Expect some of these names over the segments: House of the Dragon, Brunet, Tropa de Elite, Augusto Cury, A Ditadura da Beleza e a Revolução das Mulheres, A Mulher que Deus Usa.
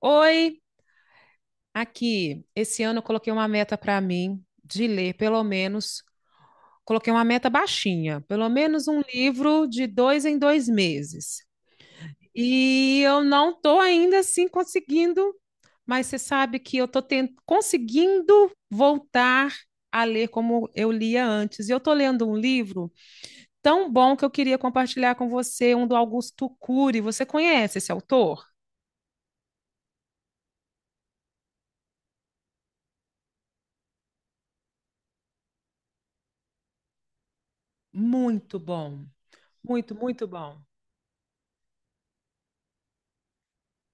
Oi, aqui. Esse ano eu coloquei uma meta para mim de ler, pelo menos, coloquei uma meta baixinha, pelo menos um livro de dois em dois meses. E eu não estou ainda assim conseguindo, mas você sabe que eu estou conseguindo voltar a ler como eu lia antes. E eu estou lendo um livro tão bom que eu queria compartilhar com você, um do Augusto Cury. Você conhece esse autor? Muito bom, muito, muito bom.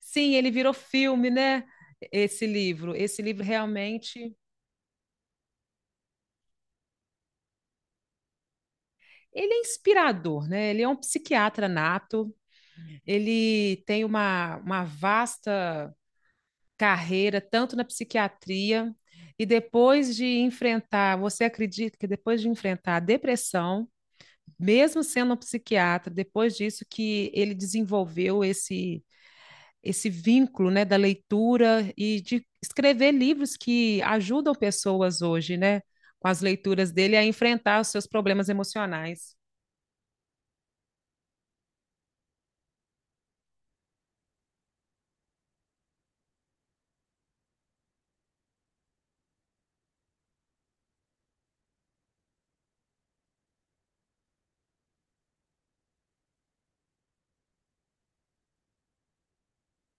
Sim, ele virou filme, né? Esse livro. Esse livro realmente. Ele é inspirador, né? Ele é um psiquiatra nato, ele tem uma vasta carreira, tanto na psiquiatria, e depois de enfrentar, você acredita que depois de enfrentar a depressão, mesmo sendo um psiquiatra, depois disso que ele desenvolveu esse vínculo, né, da leitura e de escrever livros que ajudam pessoas hoje, né, com as leituras dele a enfrentar os seus problemas emocionais.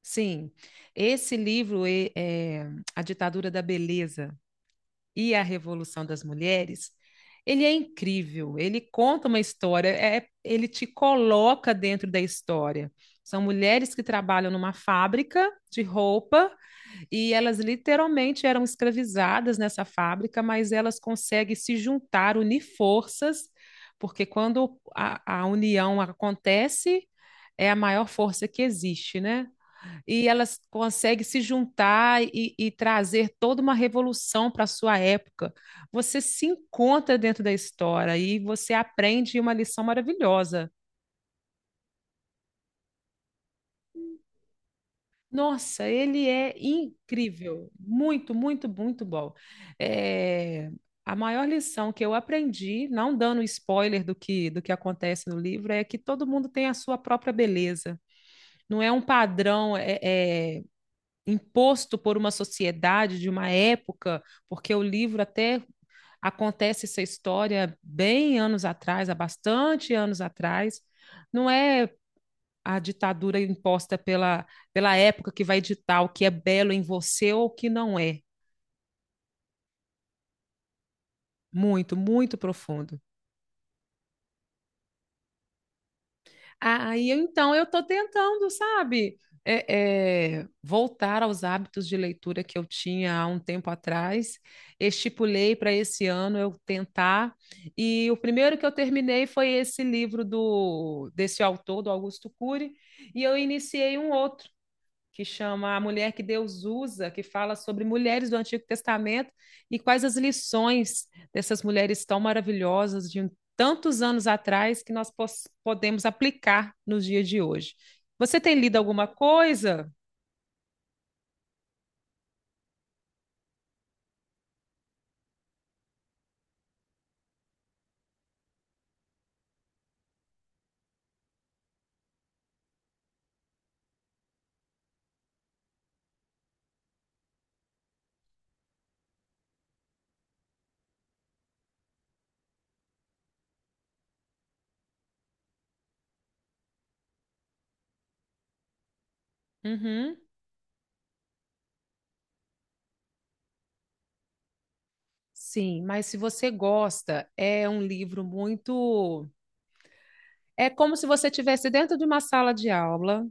Sim, esse livro, A Ditadura da Beleza e a Revolução das Mulheres, ele é incrível, ele conta uma história, é, ele te coloca dentro da história. São mulheres que trabalham numa fábrica de roupa. E elas literalmente eram escravizadas nessa fábrica, mas elas conseguem se juntar, unir forças, porque quando a união acontece, é a maior força que existe, né? E elas conseguem se juntar e trazer toda uma revolução para a sua época. Você se encontra dentro da história e você aprende uma lição maravilhosa. Nossa, ele é incrível, muito, muito, muito bom. É, a maior lição que eu aprendi, não dando spoiler do que acontece no livro, é que todo mundo tem a sua própria beleza. Não é um padrão é, imposto por uma sociedade de uma época, porque o livro até acontece essa história bem anos atrás, há bastante anos atrás. Não é a ditadura imposta pela época que vai ditar o que é belo em você ou o que não é. Muito, muito profundo. Aí, ah, então, eu estou tentando, sabe, voltar aos hábitos de leitura que eu tinha há um tempo atrás. Estipulei para esse ano eu tentar. E o primeiro que eu terminei foi esse livro do, desse autor, do Augusto Cury, e eu iniciei um outro que chama A Mulher que Deus Usa, que fala sobre mulheres do Antigo Testamento e quais as lições dessas mulheres tão maravilhosas de tantos anos atrás que nós podemos aplicar nos dias de hoje. Você tem lido alguma coisa? Uhum. Sim, mas se você gosta, é um livro muito. É como se você estivesse dentro de uma sala de aula,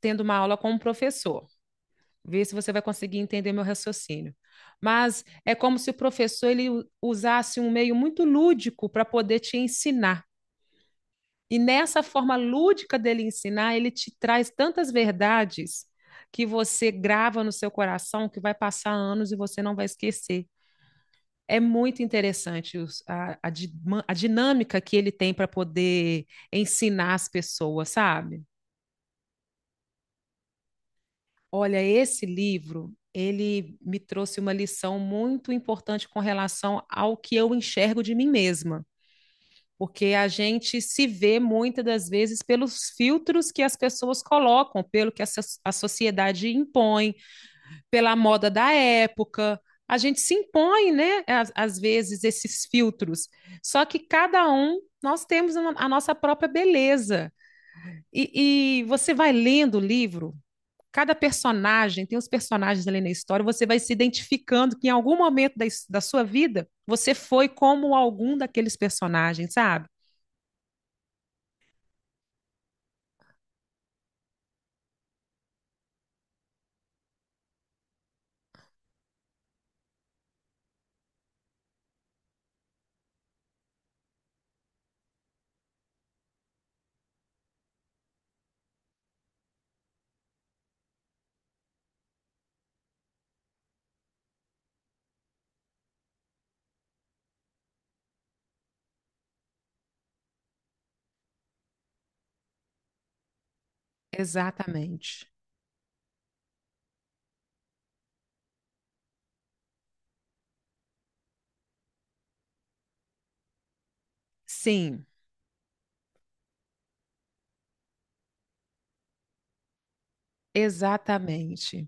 tendo uma aula com um professor. Ver se você vai conseguir entender meu raciocínio. Mas é como se o professor ele usasse um meio muito lúdico para poder te ensinar. E nessa forma lúdica dele ensinar, ele te traz tantas verdades que você grava no seu coração que vai passar anos e você não vai esquecer. É muito interessante a, a a dinâmica que ele tem para poder ensinar as pessoas, sabe? Olha, esse livro, ele me trouxe uma lição muito importante com relação ao que eu enxergo de mim mesma, porque a gente se vê muitas das vezes pelos filtros que as pessoas colocam, pelo que a sociedade impõe, pela moda da época. A gente se impõe, né, às vezes, esses filtros. Só que cada um, nós temos uma a nossa própria beleza. E você vai lendo o livro cada personagem, tem os personagens ali na história, você vai se identificando que em algum momento da sua vida você foi como algum daqueles personagens, sabe? Exatamente. Sim, exatamente.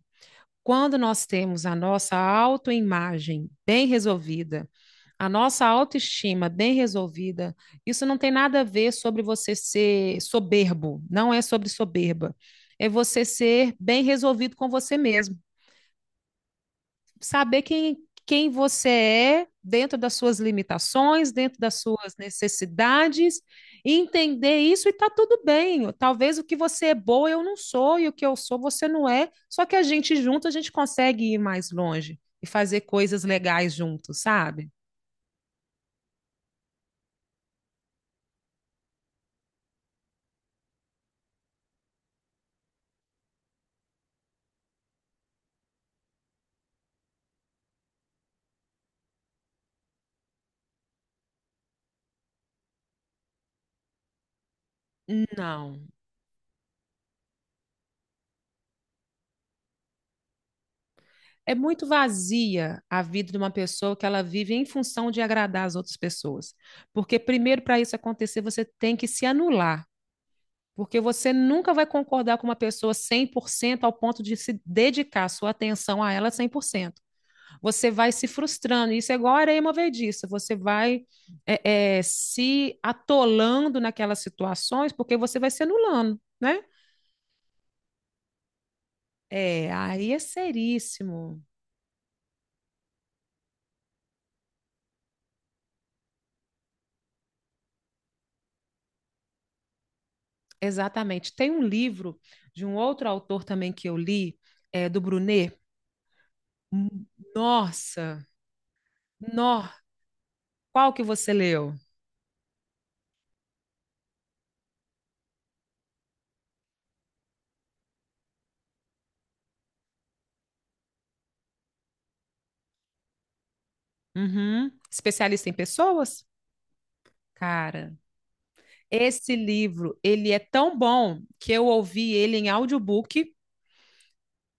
Quando nós temos a nossa autoimagem bem resolvida, a nossa autoestima bem resolvida, isso não tem nada a ver sobre você ser soberbo, não é sobre soberba. É você ser bem resolvido com você mesmo. Saber quem, quem você é dentro das suas limitações, dentro das suas necessidades, entender isso e tá tudo bem. Talvez o que você é boa eu não sou e o que eu sou você não é, só que a gente junto a gente consegue ir mais longe e fazer coisas legais juntos, sabe? Não. É muito vazia a vida de uma pessoa que ela vive em função de agradar as outras pessoas. Porque primeiro para isso acontecer, você tem que se anular. Porque você nunca vai concordar com uma pessoa 100% ao ponto de se dedicar sua atenção a ela 100%. Você vai se frustrando. Isso é igual a areia movediça. Você vai se atolando naquelas situações porque você vai se anulando, né? É, aí é seríssimo. Exatamente. Tem um livro de um outro autor também que eu li, do Brunet. Nossa! Nó Qual que você leu? Uhum. Especialista em pessoas? Cara, esse livro, ele é tão bom que eu ouvi ele em audiobook.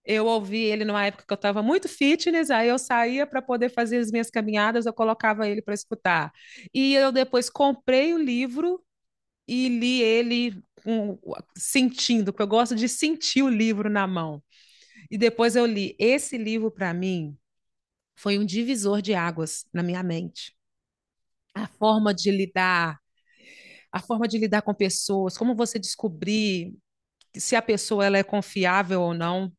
Eu ouvi ele numa época que eu estava muito fitness, aí eu saía para poder fazer as minhas caminhadas, eu colocava ele para escutar. E eu depois comprei o livro e li ele sentindo, porque eu gosto de sentir o livro na mão. E depois eu li. Esse livro, para mim, foi um divisor de águas na minha mente. A forma de lidar, a forma de lidar com pessoas, como você descobrir se a pessoa ela é confiável ou não.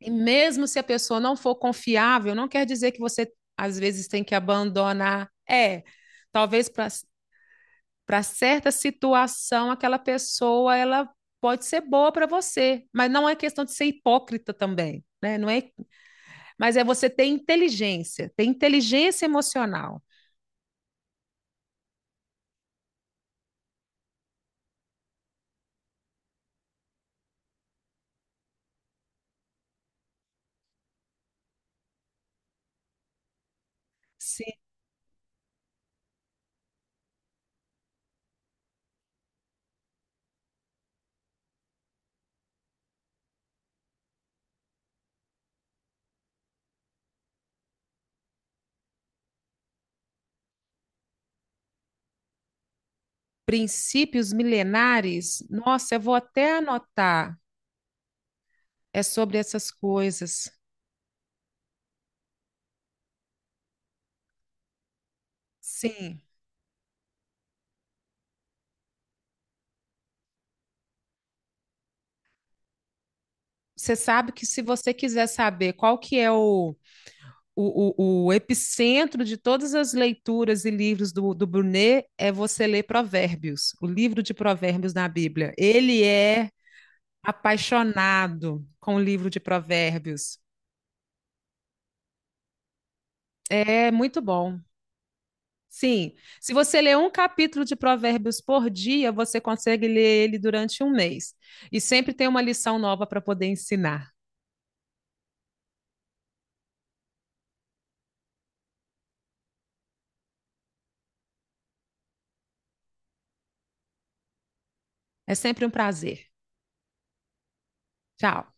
E mesmo se a pessoa não for confiável, não quer dizer que você às vezes tem que abandonar. É, talvez para certa situação aquela pessoa ela pode ser boa para você, mas não é questão de ser hipócrita também, né? Não é, mas é você ter inteligência emocional. Sim. Princípios milenares, nossa, eu vou até anotar. É sobre essas coisas. Sim. Você sabe que se você quiser saber qual que é o epicentro de todas as leituras e livros do Brunet, é você ler Provérbios, o livro de Provérbios na Bíblia. Ele é apaixonado com o livro de Provérbios. É muito bom. Sim, se você ler um capítulo de Provérbios por dia, você consegue ler ele durante um mês. E sempre tem uma lição nova para poder ensinar. É sempre um prazer. Tchau.